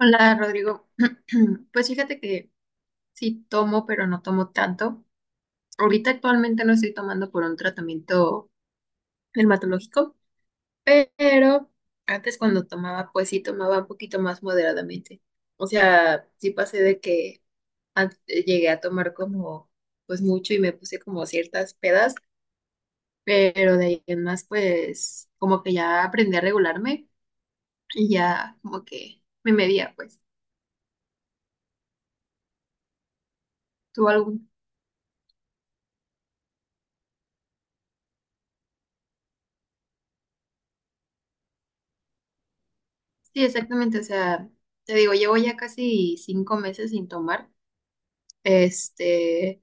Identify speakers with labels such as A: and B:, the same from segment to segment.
A: Hola Rodrigo, pues fíjate que sí tomo, pero no tomo tanto. Ahorita actualmente no estoy tomando por un tratamiento dermatológico, pero antes cuando tomaba, pues sí tomaba un poquito más moderadamente. O sea, sí pasé de que llegué a tomar como pues mucho y me puse como ciertas pedas, pero de ahí en más pues como que ya aprendí a regularme y ya como que me medía pues. ¿Tú algún Sí, exactamente. O sea, te digo, llevo ya casi 5 meses sin tomar. Este,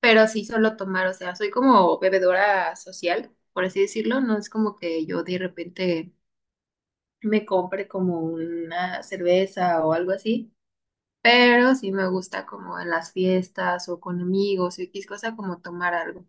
A: pero sí solo tomar. O sea, soy como bebedora social, por así decirlo. No es como que yo de repente me compre como una cerveza o algo así. Pero sí me gusta como en las fiestas o con amigos o X cosa como tomar algo.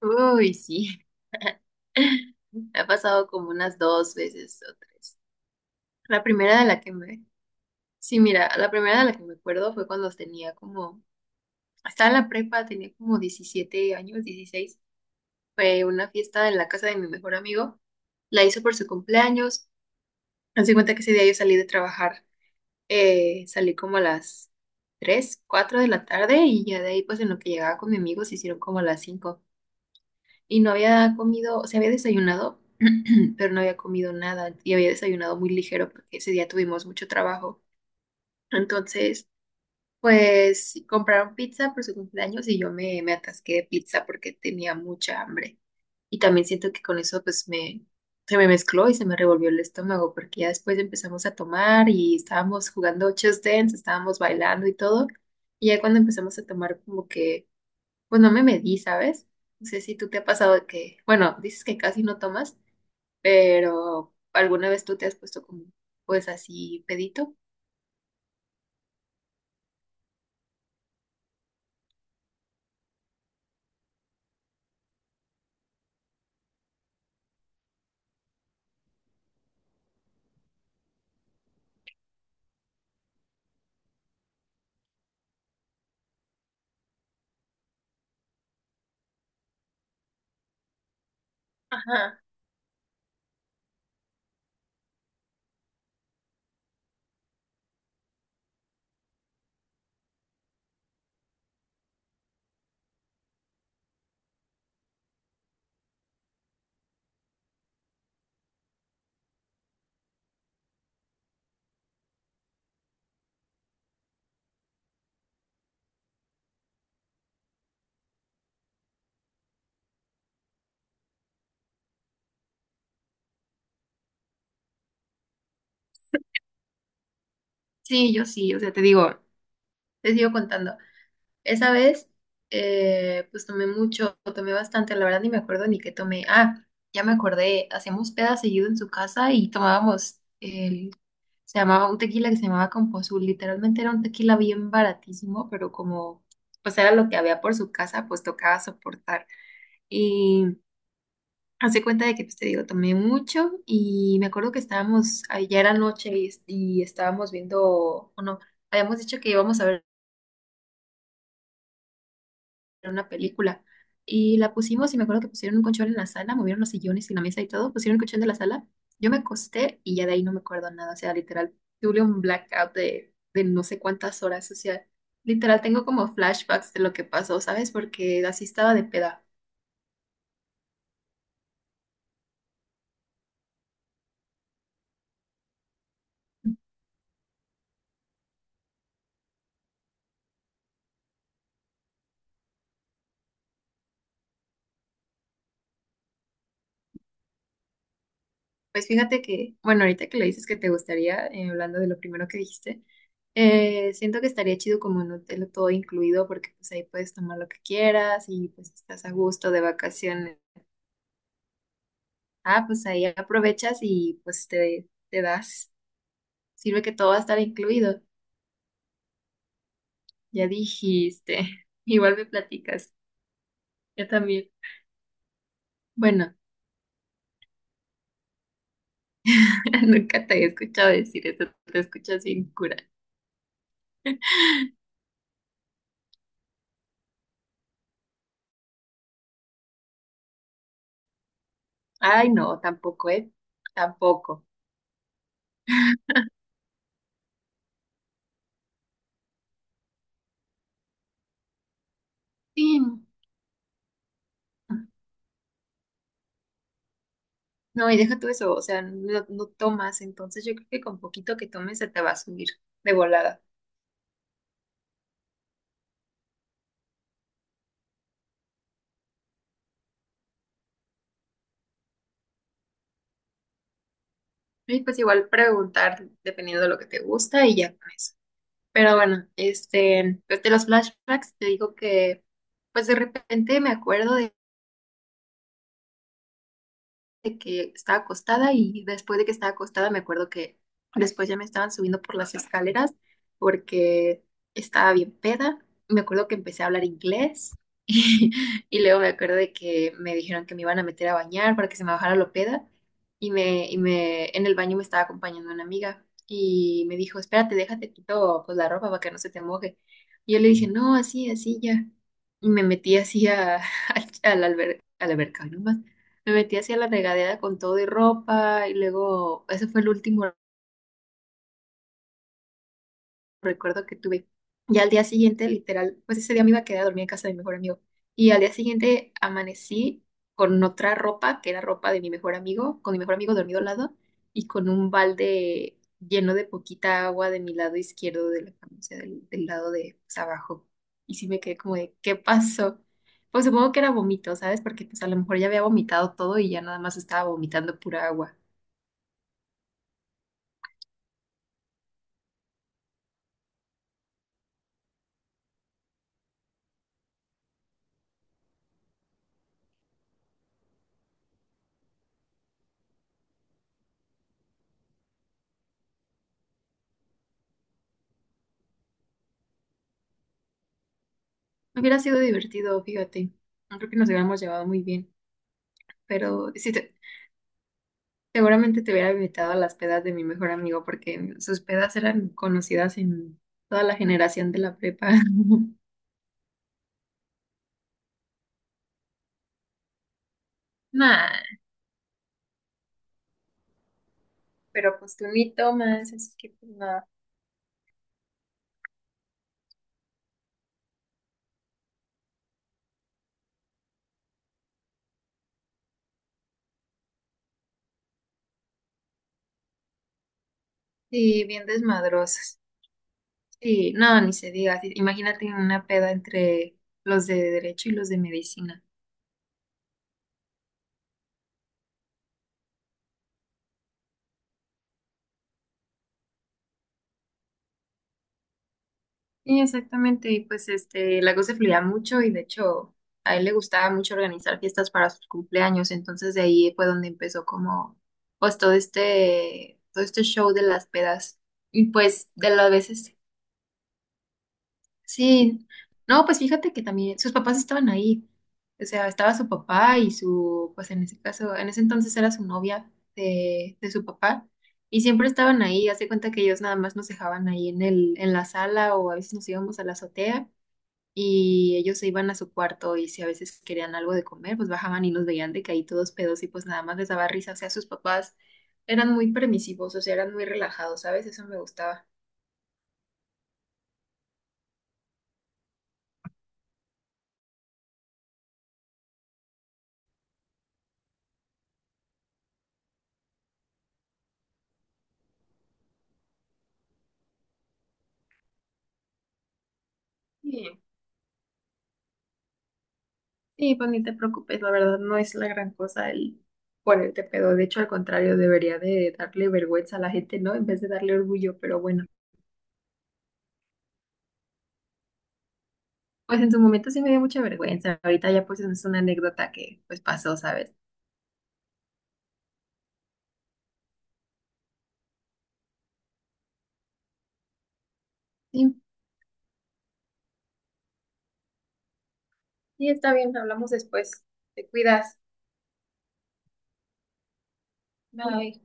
A: Uy, sí. Me ha pasado como unas dos veces o tres. La primera de la que me Sí, mira, la primera de la que me acuerdo fue cuando tenía como, estaba en la prepa, tenía como 17 años, 16. Fue una fiesta en la casa de mi mejor amigo. La hizo por su cumpleaños. Haz de cuenta que ese día yo salí de trabajar, salí como a las 3, 4 de la tarde y ya de ahí pues en lo que llegaba con mi amigo se hicieron como a las 5. Y no había comido, o sea, había desayunado, pero no había comido nada y había desayunado muy ligero porque ese día tuvimos mucho trabajo. Entonces... pues compraron pizza por su cumpleaños y yo me atasqué de pizza porque tenía mucha hambre. Y también siento que con eso se me mezcló y se me revolvió el estómago porque ya después empezamos a tomar y estábamos jugando Just Dance, estábamos bailando y todo. Y ya cuando empezamos a tomar como que, pues no me medí, ¿sabes? No sé si tú te ha pasado de que, bueno, dices que casi no tomas, pero ¿alguna vez tú te has puesto como pues así pedito? Ajá. Sí, yo sí, o sea, te digo, te sigo contando. Esa vez, pues tomé mucho, tomé bastante, la verdad ni me acuerdo ni qué tomé. Ah, ya me acordé, hacíamos peda seguido en su casa y tomábamos el, se llamaba un tequila que se llamaba composul, literalmente era un tequila bien baratísimo, pero como, pues era lo que había por su casa, pues tocaba soportar. Y hace cuenta de que, pues te digo, tomé mucho y me acuerdo que estábamos, ah, ya era noche y estábamos viendo, o no, habíamos dicho que íbamos a ver una película. Y la pusimos y me acuerdo que pusieron un colchón en la sala, movieron los sillones y la mesa y todo, pusieron el colchón de la sala. Yo me acosté y ya de ahí no me acuerdo nada, o sea, literal, tuve un blackout de no sé cuántas horas, o sea, literal tengo como flashbacks de lo que pasó, ¿sabes? Porque así estaba de peda. Pues fíjate que, bueno, ahorita que le dices que te gustaría, hablando de lo primero que dijiste, siento que estaría chido como un hotel todo incluido porque pues ahí puedes tomar lo que quieras y pues estás a gusto de vacaciones. Ah, pues ahí aprovechas y pues te das. Sirve que todo va a estar incluido. Ya dijiste. Igual me platicas. Yo también. Bueno, nunca te he escuchado decir esto. Te escuchas bien cura. Ay, no, tampoco, ¿eh? Tampoco. Sí. No, y deja tú eso. O sea, no, no tomas. Entonces yo creo que con poquito que tomes se te va a subir de volada. Y pues igual preguntar dependiendo de lo que te gusta y ya con eso. Pero bueno, pues, de los flashbacks te digo que pues de repente me acuerdo de que estaba acostada y después de que estaba acostada me acuerdo que después ya me estaban subiendo por las escaleras porque estaba bien peda. Me acuerdo que empecé a hablar inglés y, y luego me acuerdo de que me dijeron que me iban a meter a bañar para que se me bajara lo peda y me en el baño me estaba acompañando una amiga y me dijo, espérate, déjate quito pues la ropa para que no se te moje. Y yo le dije, no, así, así ya. Y me metí así a, a la alberca, ¿no? Me metí hacia la regadera con todo y ropa y luego ese fue el último recuerdo que tuve. Y al día siguiente, literal, pues ese día me iba a quedar a dormir en casa de mi mejor amigo. Y al día siguiente amanecí con otra ropa, que era ropa de mi mejor amigo, con mi mejor amigo dormido al lado y con un balde lleno de poquita agua de mi lado izquierdo de la cama, o sea, del lado de pues, abajo. Y sí me quedé como de, ¿qué pasó? Pues supongo que era vómito, ¿sabes? Porque pues a lo mejor ya había vomitado todo y ya nada más estaba vomitando pura agua. Hubiera sido divertido, fíjate. No creo que nos hubiéramos llevado muy bien, pero sí, seguramente te hubiera invitado a las pedas de mi mejor amigo porque sus pedas eran conocidas en toda la generación de la prepa. Nah, pero pues tú ni tomas, así que pues nada. Sí, bien desmadrosas. Sí, no, ni se diga. Sí, imagínate una peda entre los de derecho y los de medicina. Sí, exactamente. Y pues Lagos se fluía mucho y de hecho a él le gustaba mucho organizar fiestas para sus cumpleaños. Entonces de ahí fue donde empezó como pues todo este show de las pedas. Y pues de las veces, sí. No, pues fíjate que también sus papás estaban ahí. O sea, estaba su papá y su, pues en ese caso, en ese entonces era su novia de su papá. Y siempre estaban ahí, hace cuenta que ellos nada más nos dejaban ahí en el, en la sala o a veces nos íbamos a la azotea y ellos se iban a su cuarto y si a veces querían algo de comer, pues bajaban y nos veían de que ahí todos pedos y pues nada más les daba risa. O sea, sus papás eran muy permisivos, o sea, eran muy relajados, ¿sabes? Eso me gustaba. Sí. Sí, pues ni te preocupes, la verdad no es la gran cosa el ponerte pedo. De hecho, al contrario, debería de darle vergüenza a la gente, ¿no? En vez de darle orgullo, pero bueno. Pues en su momento sí me dio mucha vergüenza. Ahorita ya pues es una anécdota que pues pasó, ¿sabes? Sí, sí, está bien, hablamos después. Te cuidas. Bye.